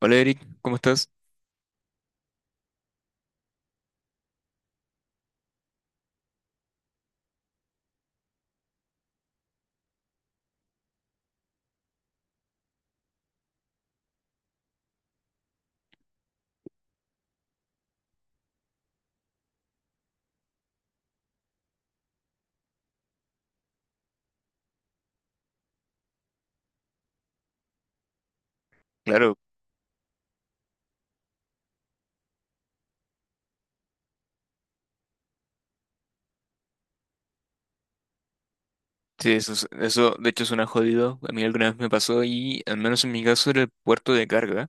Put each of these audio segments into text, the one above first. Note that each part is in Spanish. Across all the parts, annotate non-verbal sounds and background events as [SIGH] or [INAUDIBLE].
Hola Eric, ¿cómo estás? Claro, sí, eso, eso de hecho suena jodido. A mí alguna vez me pasó y al menos en mi caso era el puerto de carga,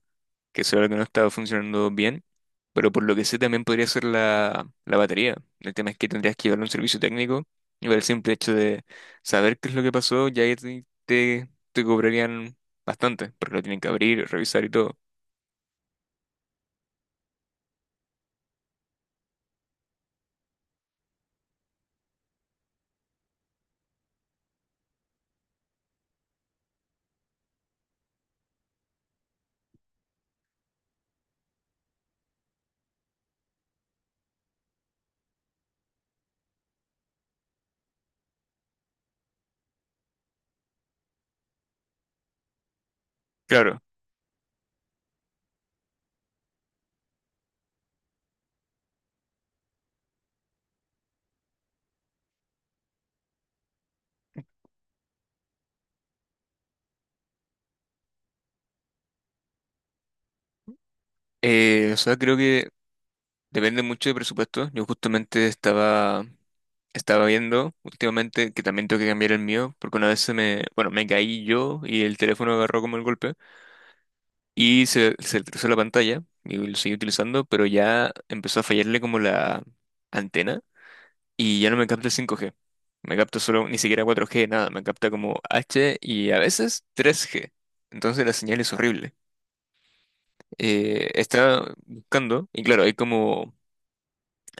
que se ve que no estaba funcionando bien, pero por lo que sé también podría ser la batería. El tema es que tendrías que llevarlo a un servicio técnico y por el simple hecho de saber qué es lo que pasó ya ahí te cobrarían bastante, porque lo tienen que abrir, revisar y todo. Claro, o sea, creo que depende mucho de presupuesto. Yo justamente estaba viendo últimamente que también tengo que cambiar el mío, porque una vez se me, bueno, me caí yo y el teléfono agarró como el golpe y se atrasó la pantalla y lo seguí utilizando, pero ya empezó a fallarle como la antena y ya no me capta el 5G. Me capta solo, ni siquiera 4G, nada, me capta como H y a veces 3G. Entonces la señal es horrible. Estaba buscando y claro,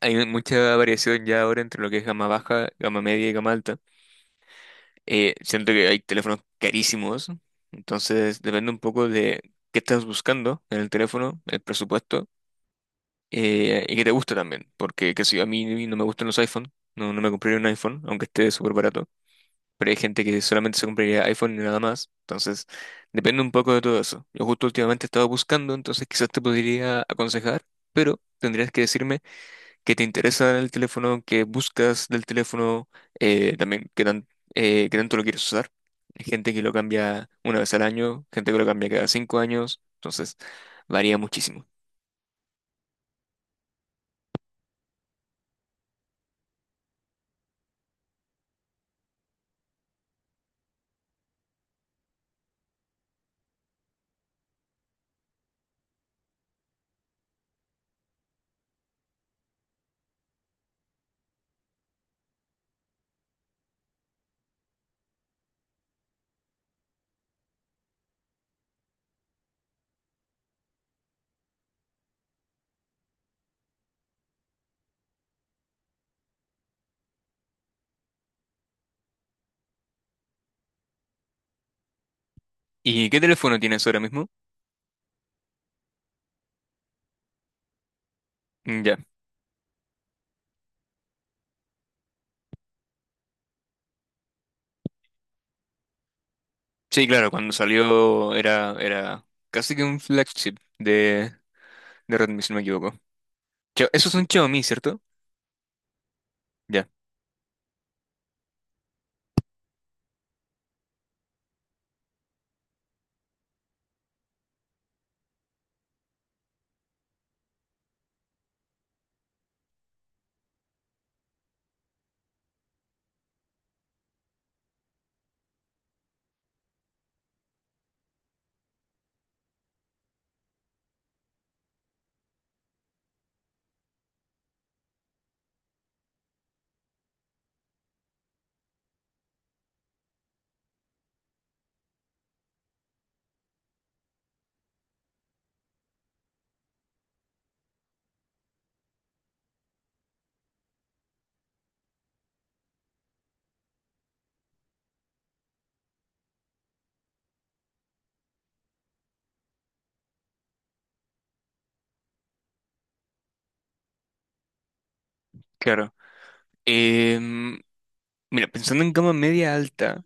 Hay mucha variación ya ahora entre lo que es gama baja, gama media y gama alta. Siento que hay teléfonos carísimos, entonces depende un poco de qué estás buscando en el teléfono, el presupuesto, y qué te gusta también. Porque, qué sé yo, a mí no me gustan los iPhone, no, no me compraría un iPhone, aunque esté súper barato. Pero hay gente que solamente se compraría iPhone y nada más. Entonces, depende un poco de todo eso. Yo justo últimamente he estado buscando, entonces quizás te podría aconsejar, pero tendrías que decirme que te interesa del teléfono, que buscas del teléfono, también qué tanto lo quieres usar. Hay gente que lo cambia una vez al año, gente que lo cambia cada 5 años, entonces varía muchísimo. ¿Y qué teléfono tienes ahora mismo? Mm, ya. Sí, claro, cuando salió era casi que un flagship de Redmi, si no me equivoco. Eso es un Xiaomi, ¿cierto? Ya, claro. Em, Mira, pensando en gama media alta.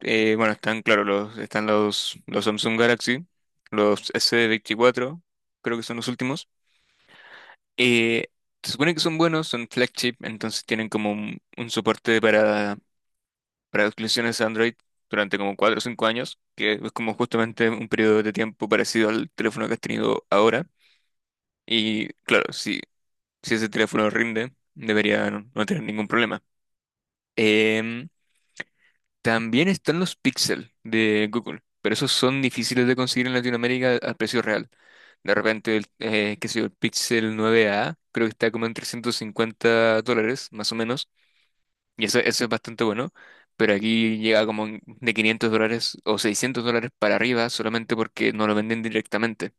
Bueno, están, claro, están los Samsung Galaxy, los S24, creo que son los últimos. Eh, Se supone que son buenos, son flagship, entonces tienen como un soporte para exclusiones Android durante como 4 o 5 años, que es como justamente un periodo de tiempo parecido al teléfono que has tenido ahora. Y claro, si ese teléfono rinde, debería no tener ningún problema. Em, También están los Pixel de Google, pero esos son difíciles de conseguir en Latinoamérica al precio real. De repente, qué sé yo, el Pixel 9A creo que está como en $350, más o menos, y eso es bastante bueno, pero aquí llega como de $500 o $600 para arriba solamente porque no lo venden directamente.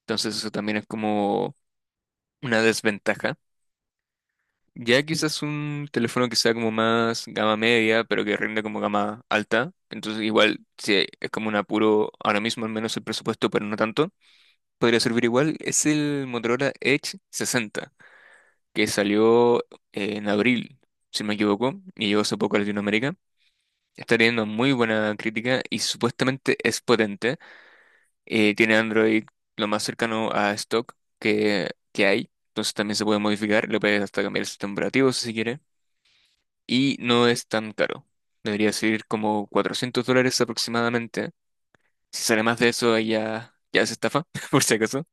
Entonces eso también es como una desventaja. Ya quizás un teléfono que sea como más gama media, pero que rinde como gama alta. Entonces igual, si es como un apuro, ahora mismo al menos el presupuesto, pero no tanto, podría servir igual. Es el Motorola Edge 60, que salió en abril, si no me equivoco, y llegó hace poco a Latinoamérica. Está teniendo muy buena crítica y supuestamente es potente. Tiene Android lo más cercano a stock que hay. Entonces también se puede modificar, le puedes hasta cambiar el sistema operativo si se quiere. Y no es tan caro. Debería ser como $400 aproximadamente. Si sale más de eso, ahí ya, ya es estafa, [LAUGHS] por si acaso.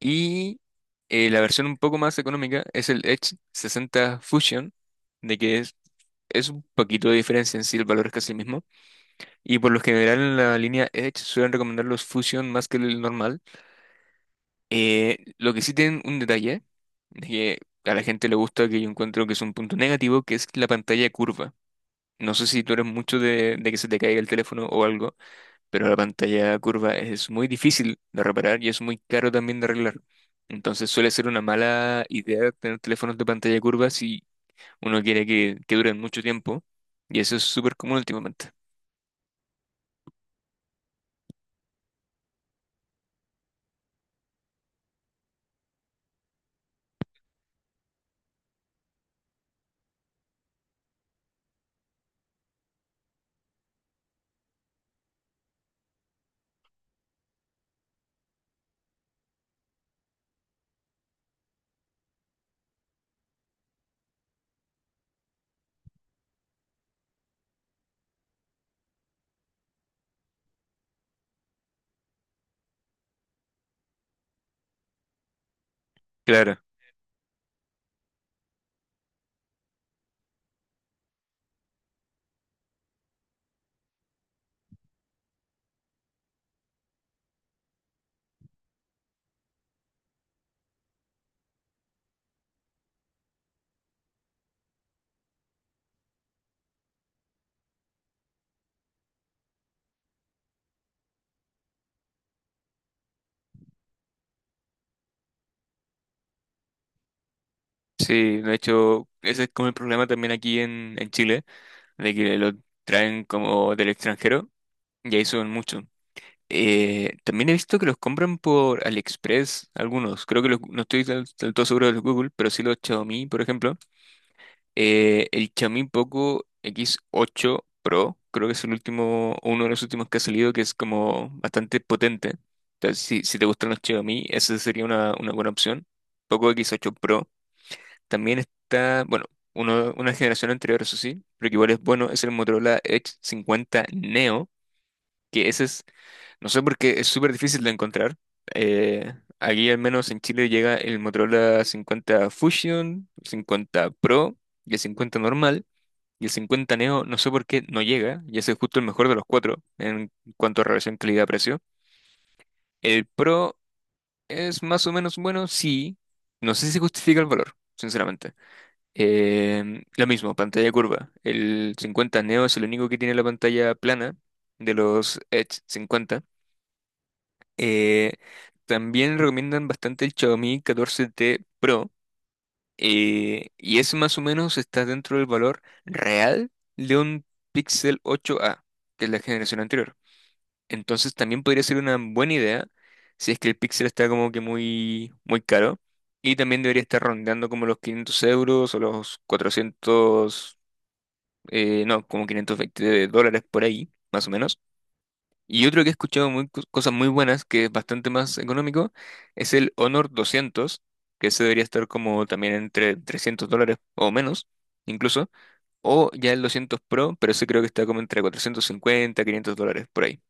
Y la versión un poco más económica es el Edge 60 Fusion, de que es un poquito de diferencia en sí, el valor es casi el mismo. Y por lo general en la línea Edge suelen recomendar los Fusion más que el normal. Lo que sí tienen un detalle, de que a la gente le gusta, que yo encuentro que es un punto negativo, que es la pantalla curva. No sé si tú eres mucho de que se te caiga el teléfono o algo, pero la pantalla curva es muy difícil de reparar y es muy caro también de arreglar. Entonces suele ser una mala idea tener teléfonos de pantalla curva si uno quiere que duren mucho tiempo. Y eso es súper común últimamente. Claro, sí, de hecho, ese es como el problema también aquí en Chile, de que lo traen como del extranjero y ahí suben mucho. También he visto que los compran por AliExpress, algunos. Creo que no estoy del todo seguro de los Google, pero sí los Xiaomi, por ejemplo. El Xiaomi Poco X8 Pro, creo que es el último, uno de los últimos que ha salido, que es como bastante potente. Entonces, si te gustan los Xiaomi, esa sería una buena opción. Poco X8 Pro. También está, bueno, una generación anterior, eso sí, pero que igual es bueno, es el Motorola Edge 50 Neo, que ese es no sé por qué es súper difícil de encontrar. Eh, Aquí al menos en Chile llega el Motorola 50 Fusion, 50 Pro y el 50 normal. Y el 50 Neo no sé por qué no llega. Y ese es justo el mejor de los cuatro en cuanto a relación calidad-precio. El Pro es más o menos bueno, sí. No sé si justifica el valor, sinceramente. Lo mismo, pantalla curva. El 50 Neo es el único que tiene la pantalla plana de los Edge 50. Eh, También recomiendan bastante el Xiaomi 14T Pro, y ese más o menos está dentro del valor real de un Pixel 8a, que es la generación anterior. Entonces también podría ser una buena idea si es que el Pixel está como que muy, muy caro y también debería estar rondando como los 500 € o los 400, no, como $520 por ahí, más o menos. Y otro que he escuchado muy, cosas muy buenas, que es bastante más económico, es el Honor 200, que ese debería estar como también entre $300 o menos, incluso. O ya el 200 Pro, pero ese creo que está como entre 450, $500 por ahí.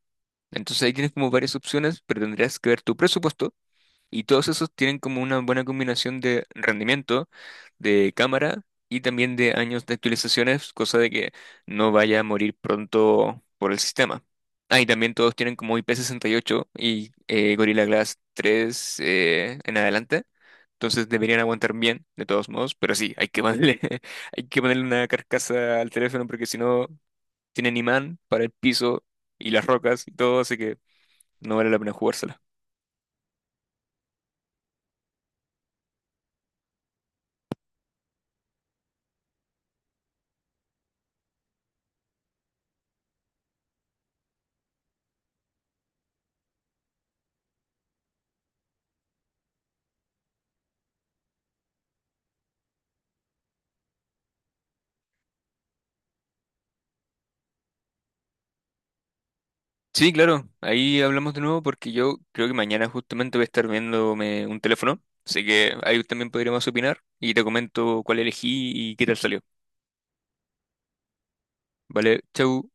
Entonces ahí tienes como varias opciones, pero tendrías que ver tu presupuesto y todos esos tienen como una buena combinación de rendimiento, de cámara y también de años de actualizaciones, cosa de que no vaya a morir pronto por el sistema. Ah, y también todos tienen como IP68 y ocho y Gorilla Glass 3, en adelante. Entonces deberían aguantar bien, de todos modos, pero sí, hay que ponerle, [LAUGHS] hay que ponerle una carcasa al teléfono porque si no tienen imán para el piso y las rocas y todo, así que no vale la pena jugársela. Sí, claro, ahí hablamos de nuevo porque yo creo que mañana justamente voy a estar viéndome un teléfono, así que ahí también podríamos opinar y te comento cuál elegí y qué tal salió. Vale, chau.